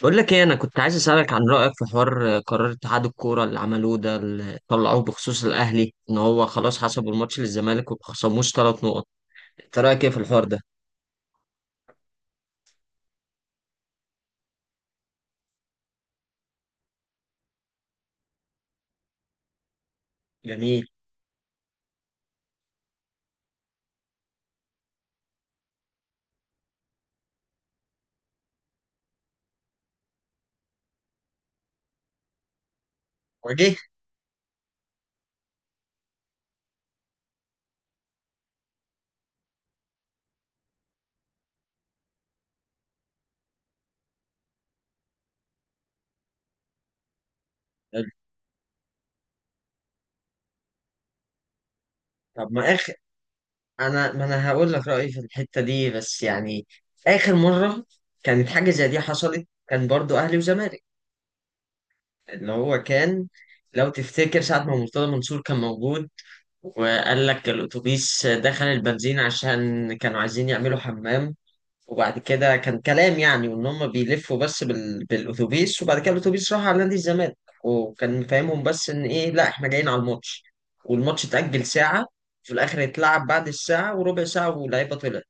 بقول لك ايه، انا كنت عايز اسالك عن رايك في حوار قرار اتحاد الكوره اللي عملوه ده اللي طلعوه بخصوص الاهلي، ان هو خلاص حسبوا الماتش للزمالك وما خصموش ثلاث نقط. انت رايك ايه في الحوار ده؟ جميل. وجه. حلو. طب ما اخر... ما انا هقول لك رايي في الحته دي، بس يعني اخر مره كانت حاجه زي دي حصلت كان برضو اهلي وزمالك، اللي هو كان، لو تفتكر ساعة ما مرتضى منصور كان موجود، وقال لك الأتوبيس دخل البنزين عشان كانوا عايزين يعملوا حمام، وبعد كده كان كلام يعني، وان هم بيلفوا بس بالاتوبيس، وبعد كده الاتوبيس راح على نادي الزمالك، وكان فاهمهم بس ان ايه، لا احنا جايين على الماتش، والماتش اتأجل ساعة، في الاخر اتلعب بعد الساعة وربع ساعة واللعيبة طلعت.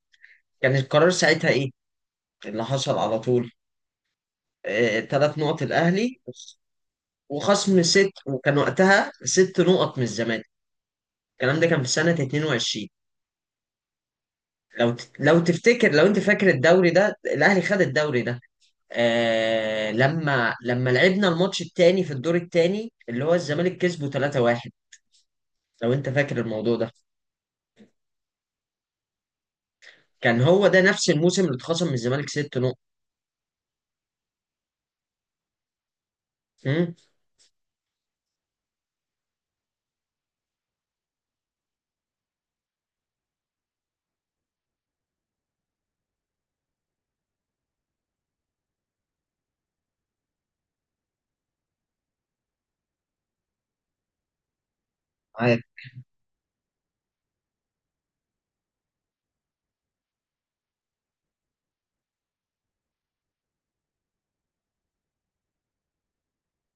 كان القرار ساعتها ايه؟ إيه اللي حصل على طول؟ اه... تلات نقط الاهلي، وخصم ست، وكان وقتها ست نقط من الزمالك. الكلام ده كان في سنة 22. لو ت... لو تفتكر، لو انت فاكر الدوري ده الاهلي خد الدوري ده، آه لما لعبنا الماتش التاني في الدور التاني، اللي هو الزمالك كسبه 3-1، لو انت فاكر الموضوع ده، كان هو ده نفس الموسم اللي اتخصم من الزمالك ست نقط. امم. عادي.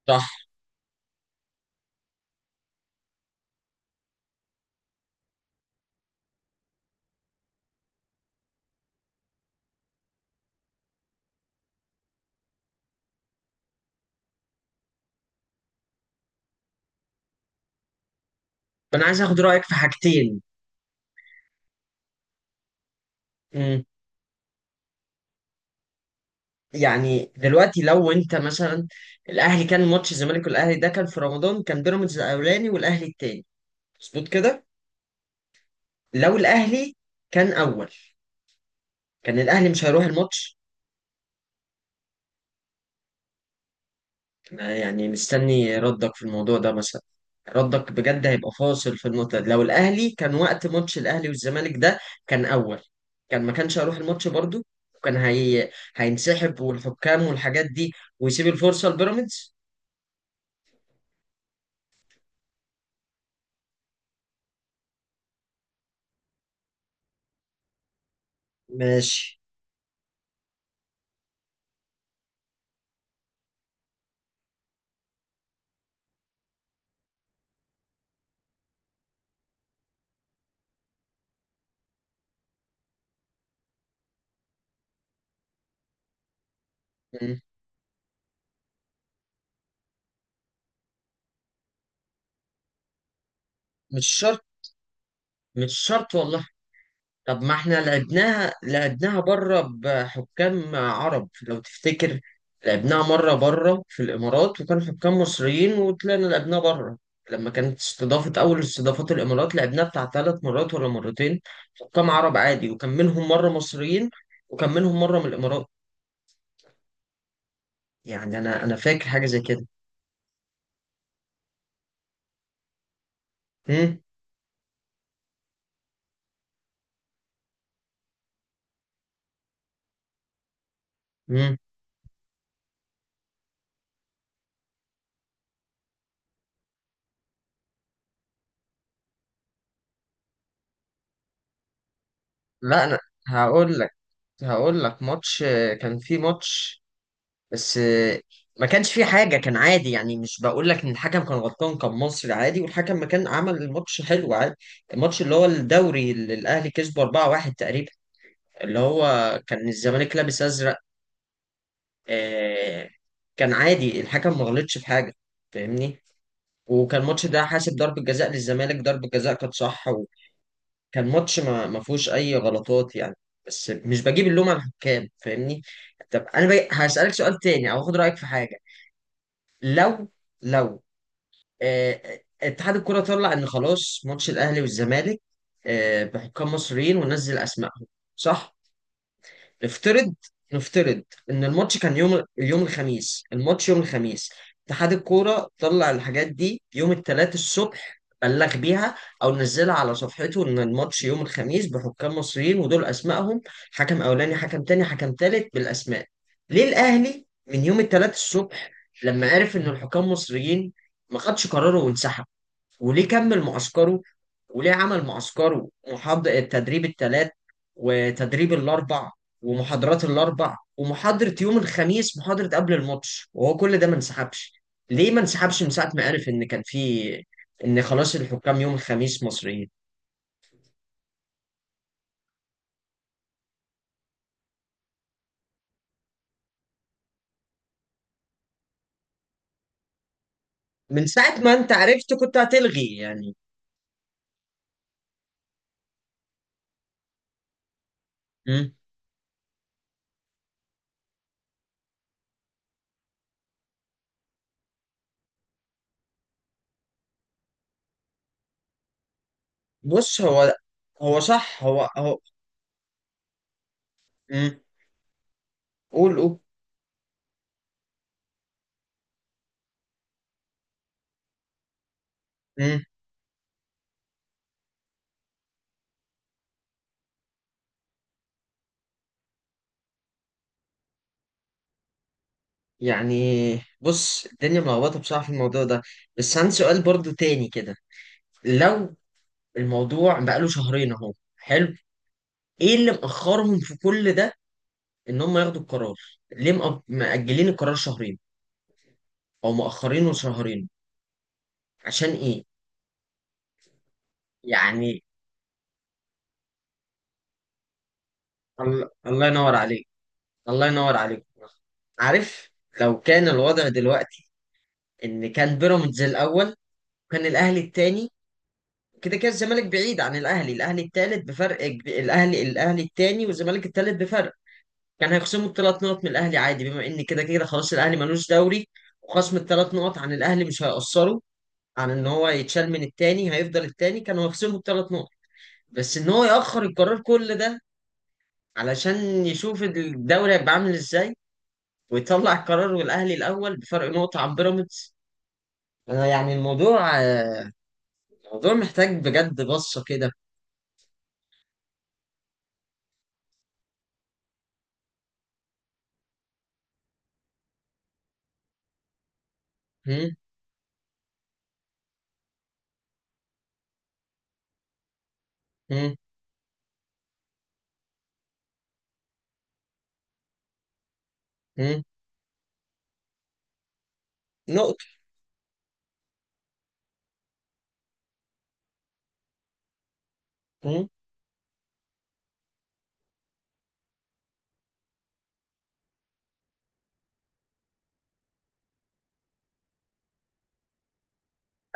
صح. انا عايز اخد رايك في حاجتين. امم. يعني دلوقتي لو انت مثلا، الاهلي كان ماتش الزمالك والاهلي ده كان في رمضان، كان بيراميدز الاولاني والاهلي التاني، مظبوط كده؟ لو الاهلي كان اول، كان الاهلي مش هيروح الماتش يعني؟ مستني ردك في الموضوع ده مثلا، ردك بجد هيبقى فاصل في النقطة دي. لو الأهلي كان وقت ماتش الأهلي والزمالك ده كان أول، كان ما كانش هيروح الماتش برضو، وكان هينسحب والحكام والحاجات دي، ويسيب الفرصة لبيراميدز. ماشي. م- مش شرط، مش شرط والله. طب ما احنا لعبناها بره بحكام عرب لو تفتكر، لعبناها مرة بره في الإمارات وكانوا حكام مصريين، وطلعنا لعبناها بره لما كانت استضافة، أول استضافات الإمارات، لعبناها بتاع ثلاث مرات ولا مرتين، حكام عرب عادي، وكان منهم مرة مصريين، وكان منهم مرة من الإمارات، يعني أنا فاكر حاجة زي كده. مم؟ مم؟ لا أنا... هقول لك هقول لك ماتش، كان في ماتش، بس ما كانش في حاجة، كان عادي يعني، مش بقول لك ان الحكم كان غلطان، كان مصري عادي، والحكم ما كان عمل الماتش حلو، عادي. الماتش اللي هو الدوري اللي الاهلي كسبه 4-1 تقريبا، اللي هو كان الزمالك لابس ازرق، آه، كان عادي، الحكم ما غلطش في حاجة، فاهمني؟ وكان الماتش ده حاسب ضربة جزاء للزمالك، ضربة جزاء كانت صح، وكان ماتش ما فيهوش اي غلطات يعني، بس مش بجيب اللوم على الحكام، فاهمني؟ طب انا بقى هسألك سؤال تاني، او هاخد رأيك في حاجة. لو لو اتحاد الكرة طلع ان خلاص ماتش الاهلي والزمالك بحكام مصريين، ونزل اسمائهم، صح؟ نفترض، نفترض ان الماتش كان يوم، اليوم الخميس، الماتش يوم الخميس، اتحاد الكورة طلع الحاجات دي يوم الثلاث الصبح، بلغ بيها او نزلها على صفحته ان الماتش يوم الخميس بحكام مصريين ودول اسمائهم، حكم اولاني حكم تاني حكم تالت بالاسماء. ليه الاهلي من يوم الثلاث الصبح لما عرف ان الحكام مصريين، ما خدش قراره وانسحب؟ وليه كمل معسكره؟ وليه عمل معسكره، محاضر التدريب الثلاث وتدريب الاربع، ومحاضرات الاربع، ومحاضرة يوم الخميس، محاضرة قبل الماتش، وهو كل ده ما انسحبش؟ ليه ما انسحبش من ساعة ما عرف ان كان في، ان خلاص الحكام يوم الخميس مصريين؟ من ساعة ما انت عرفت كنت هتلغي يعني. مم. بص هو، هو صح هو هو مم. قول، قول. مم. يعني بص الدنيا ملخبطة بصراحة في الموضوع ده، بس عندي سؤال برضو تاني كده. لو الموضوع بقاله شهرين اهو، حلو. ايه اللي مأخرهم في كل ده، ان هم ياخدوا القرار؟ ليه مأجلين القرار شهرين، او مأخرينه شهرين عشان ايه؟ يعني الله، الله ينور عليك، الله ينور عليك. عارف، لو كان الوضع دلوقتي ان كان بيراميدز الاول، وكان الاهلي التاني، كده كده الزمالك بعيد عن الاهلي، الاهلي التالت بفرق الاهلي التاني والزمالك التالت بفرق، كان هيخصموا الثلاث نقط من الاهلي عادي، بما ان كده كده خلاص الاهلي ملوش دوري، وخصم الثلاث نقط عن الاهلي مش هيأثره، عن ان هو يتشال من التاني، هيفضل التاني، كانوا هيخصموا الثلاث نقط. بس ان هو يأخر القرار كل ده علشان يشوف الدوري هيبقى عامل ازاي، ويطلع القرار والاهلي الاول بفرق نقطة عن بيراميدز، انا يعني الموضوع محتاج بجد بصة كده. هم؟ هم؟ هم؟ نقطة. هم؟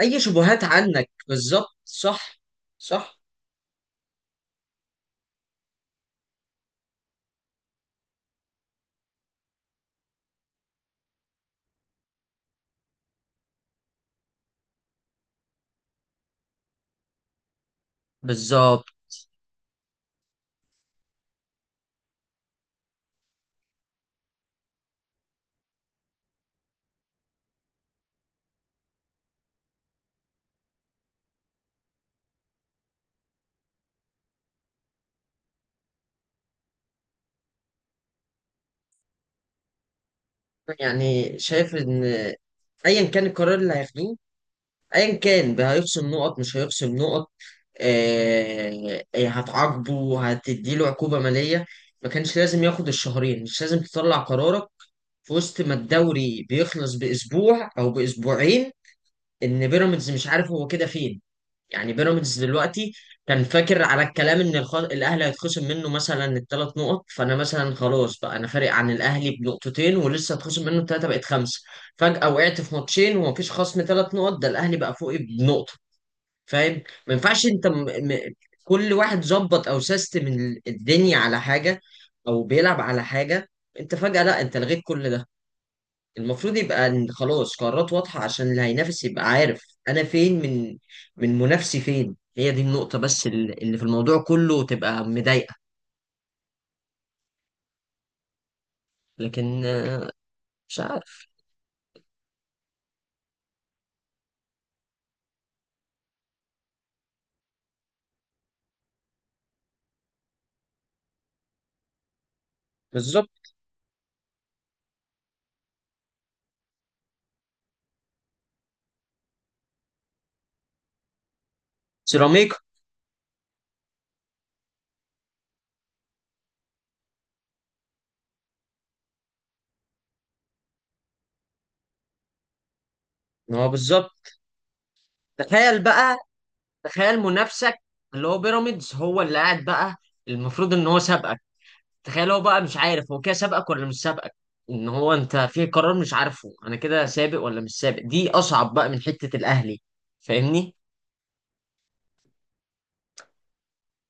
اي شبهات عنك بالظبط، صح، صح، بالظبط. يعني شايف ان ايا كان القرار اللي هياخدوه، ايا كان بقى، هيخصم نقط مش هيخصم نقط، هتعاقبه، هتديله عقوبة مالية، ما كانش لازم ياخد الشهرين، مش لازم تطلع قرارك في وسط ما الدوري بيخلص باسبوع او باسبوعين، ان بيراميدز مش عارف هو كده فين يعني. بيراميدز دلوقتي كان فاكر على الكلام ان الاهلي هيتخصم منه مثلا الثلاث نقط، فانا مثلا خلاص بقى انا فارق عن الاهلي بنقطتين، ولسه هتخصم منه الثلاثه بقت خمسه، فجاه وقعت في ماتشين ومفيش خصم ثلاث نقط، ده الاهلي بقى فوقي بنقطه. فاهم؟ ما ينفعش انت م... كل واحد ظبط او سيستم الدنيا على حاجه، او بيلعب على حاجه، انت فجاه لا، انت لغيت كل ده. المفروض يبقى إن خلاص قرارات واضحة، عشان اللي هينافس يبقى عارف أنا فين من، من منافسي فين. هي دي النقطة، بس اللي في الموضوع كله تبقى مضايقة. لكن مش عارف بالظبط. سيراميكا. ما هو بالظبط، تخيل بقى، تخيل منافسك اللي هو بيراميدز هو اللي قاعد بقى، المفروض إن هو سابقك، تخيل هو بقى مش عارف هو كده سابقك ولا مش سابقك، إن هو أنت في قرار مش عارفه، أنا كده سابق ولا مش سابق؟ دي أصعب بقى من حتة الأهلي. فاهمني؟